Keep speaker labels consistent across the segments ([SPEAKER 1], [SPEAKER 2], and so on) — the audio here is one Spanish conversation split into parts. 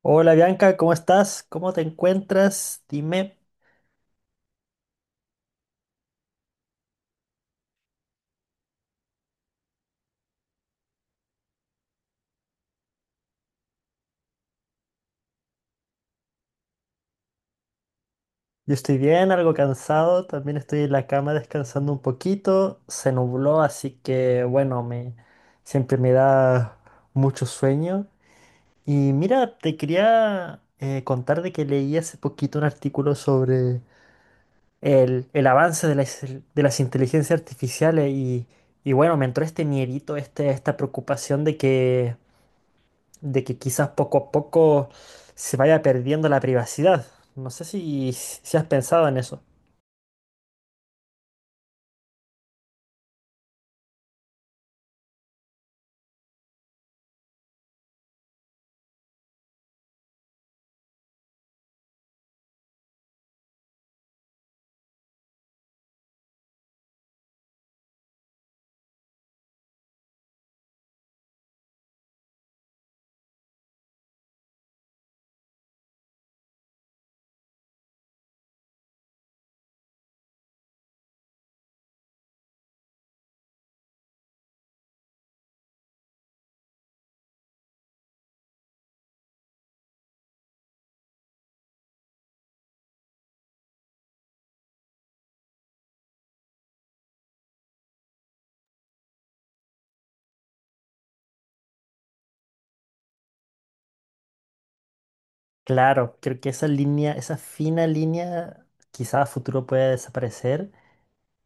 [SPEAKER 1] Hola Bianca, ¿cómo estás? ¿Cómo te encuentras? Dime. Yo estoy bien, algo cansado, también estoy en la cama descansando un poquito. Se nubló, así que bueno, me siempre me da mucho sueño. Y mira, te quería contar de que leí hace poquito un artículo sobre el avance de las inteligencias artificiales y bueno, me entró este miedito, este, esta preocupación de que quizás poco a poco se vaya perdiendo la privacidad. No sé si has pensado en eso. Claro, creo que esa línea, esa fina línea, quizás a futuro pueda desaparecer.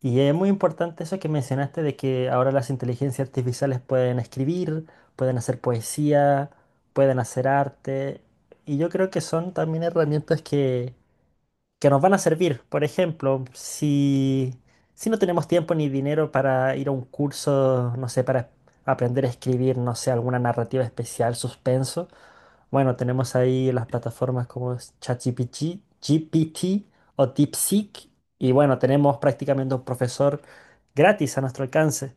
[SPEAKER 1] Y es muy importante eso que mencionaste de que ahora las inteligencias artificiales pueden escribir, pueden hacer poesía, pueden hacer arte. Y yo creo que son también herramientas que nos van a servir. Por ejemplo, si no tenemos tiempo ni dinero para ir a un curso, no sé, para aprender a escribir, no sé, alguna narrativa especial, suspenso, bueno, tenemos ahí las plataformas como es ChatGPT, GPT o DeepSeek, y bueno, tenemos prácticamente un profesor gratis a nuestro alcance.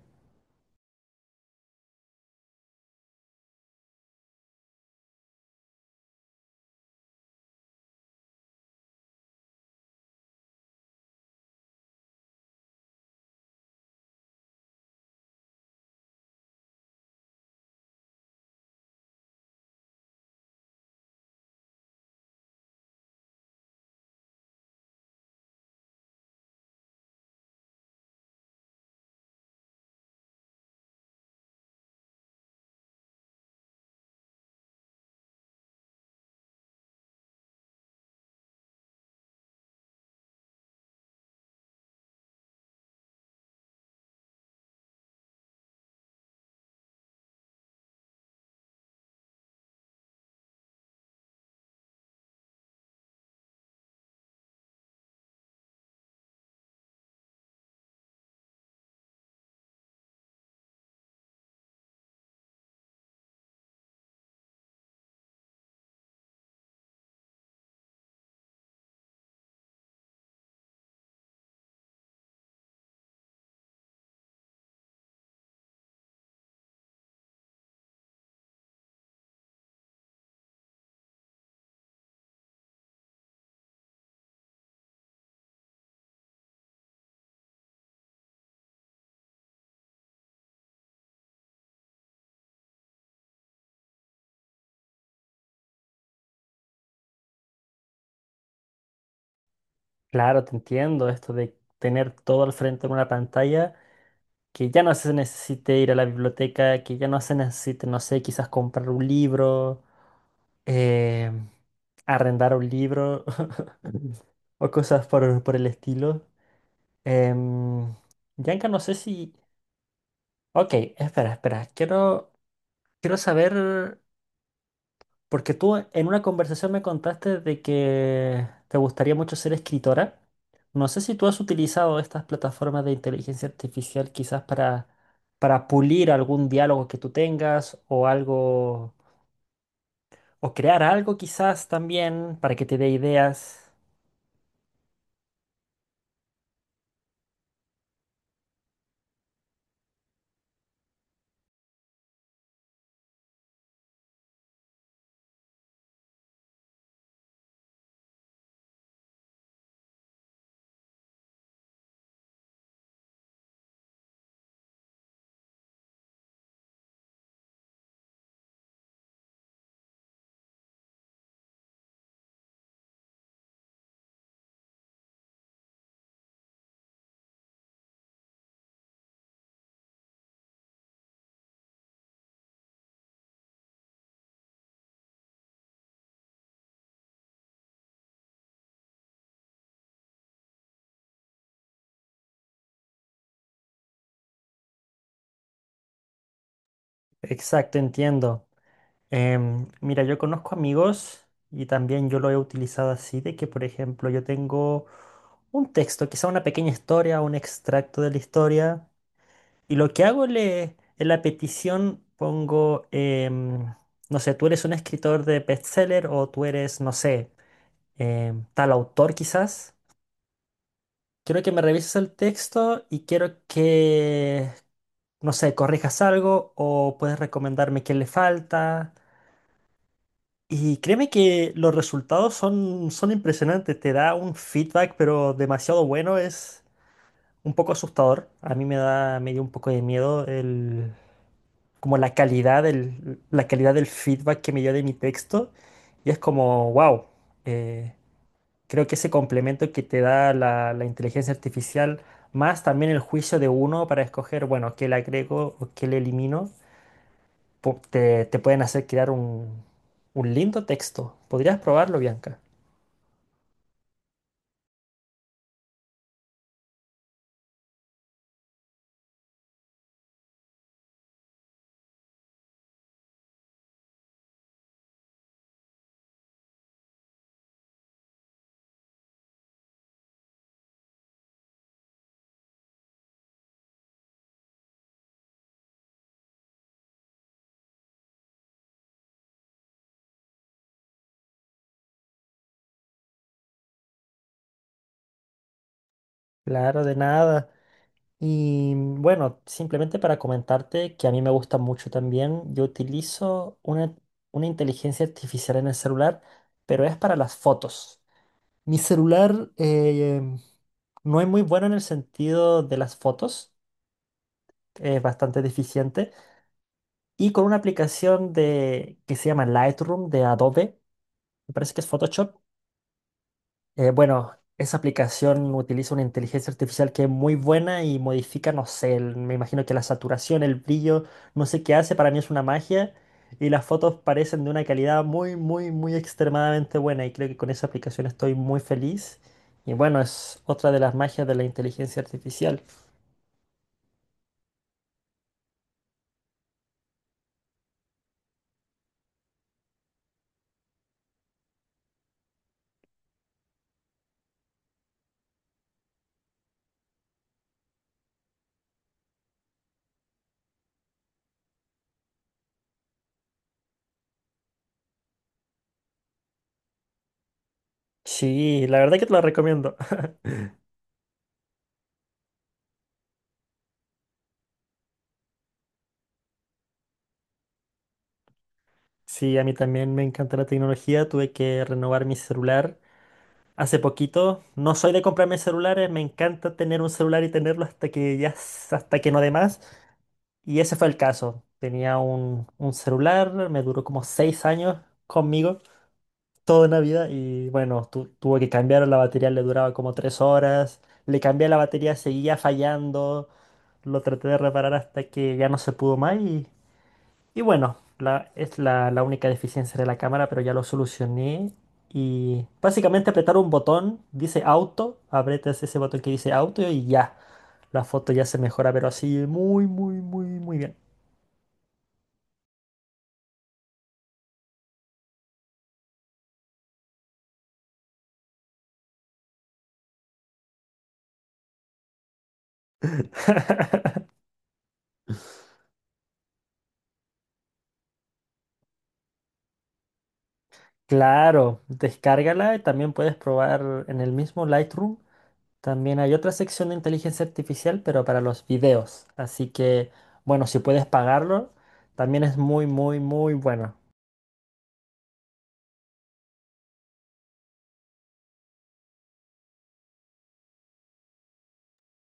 [SPEAKER 1] Claro, te entiendo, esto de tener todo al frente en una pantalla, que ya no se necesite ir a la biblioteca, que ya no se necesite, no sé, quizás comprar un libro eh, arrendar un libro o cosas por el estilo. Em, Bianca, no sé si... Ok, espera. Quiero saber, porque tú en una conversación me contaste de que te gustaría mucho ser escritora. No sé si tú has utilizado estas plataformas de inteligencia artificial quizás para pulir algún diálogo que tú tengas o algo, o crear algo quizás también para que te dé ideas. Exacto, entiendo. Mira, yo conozco amigos y también yo lo he utilizado así, de que por ejemplo yo tengo un texto, quizá una pequeña historia, un extracto de la historia, y lo que hago le, en la petición pongo, no sé, tú eres un escritor de bestseller o tú eres, no sé, tal autor quizás. Quiero que me revises el texto y quiero que, no sé, corrijas algo o puedes recomendarme qué le falta. Y créeme que los resultados son impresionantes, te da un feedback pero demasiado bueno, es un poco asustador. A mí me dio un poco de miedo el, como la calidad la calidad del feedback que me dio de mi texto. Y es como, wow, creo que ese complemento que te da la inteligencia artificial, más también el juicio de uno para escoger, bueno, qué le agrego o qué le elimino, te pueden hacer crear un lindo texto. ¿Podrías probarlo, Bianca? Claro, de nada. Y bueno, simplemente para comentarte que a mí me gusta mucho también, yo utilizo una inteligencia artificial en el celular, pero es para las fotos. Mi celular no es muy bueno en el sentido de las fotos, es bastante deficiente. Y con una aplicación que se llama Lightroom de Adobe, me parece que es Photoshop. Bueno, esa aplicación utiliza una inteligencia artificial que es muy buena y modifica, no sé, me imagino que la saturación, el brillo, no sé qué hace, para mí es una magia y las fotos parecen de una calidad muy, muy, muy extremadamente buena y creo que con esa aplicación estoy muy feliz y bueno, es otra de las magias de la inteligencia artificial. Sí, la verdad que te la recomiendo. Sí, a mí también me encanta la tecnología, tuve que renovar mi celular. Hace poquito, no soy de comprarme celulares, me encanta tener un celular y tenerlo hasta que ya, hasta que no dé más. Y ese fue el caso. Tenía un celular, me duró como 6 años conmigo, toda Navidad, y bueno, tuve que cambiar la batería, le duraba como 3 horas, le cambié la batería, seguía fallando, lo traté de reparar hasta que ya no se pudo más y bueno, la única deficiencia de la cámara, pero ya lo solucioné. Y básicamente apretar un botón, dice auto, aprietas ese botón que dice auto y ya, la foto ya se mejora, pero así muy, muy, muy, muy bien. Claro, descárgala y también puedes probar en el mismo Lightroom. También hay otra sección de inteligencia artificial, pero para los videos. Así que, bueno, si puedes pagarlo, también es muy, muy, muy bueno.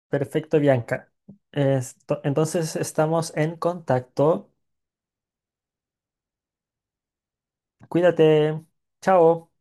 [SPEAKER 1] Perfecto, Bianca. Entonces estamos en contacto. Cuídate. Chao.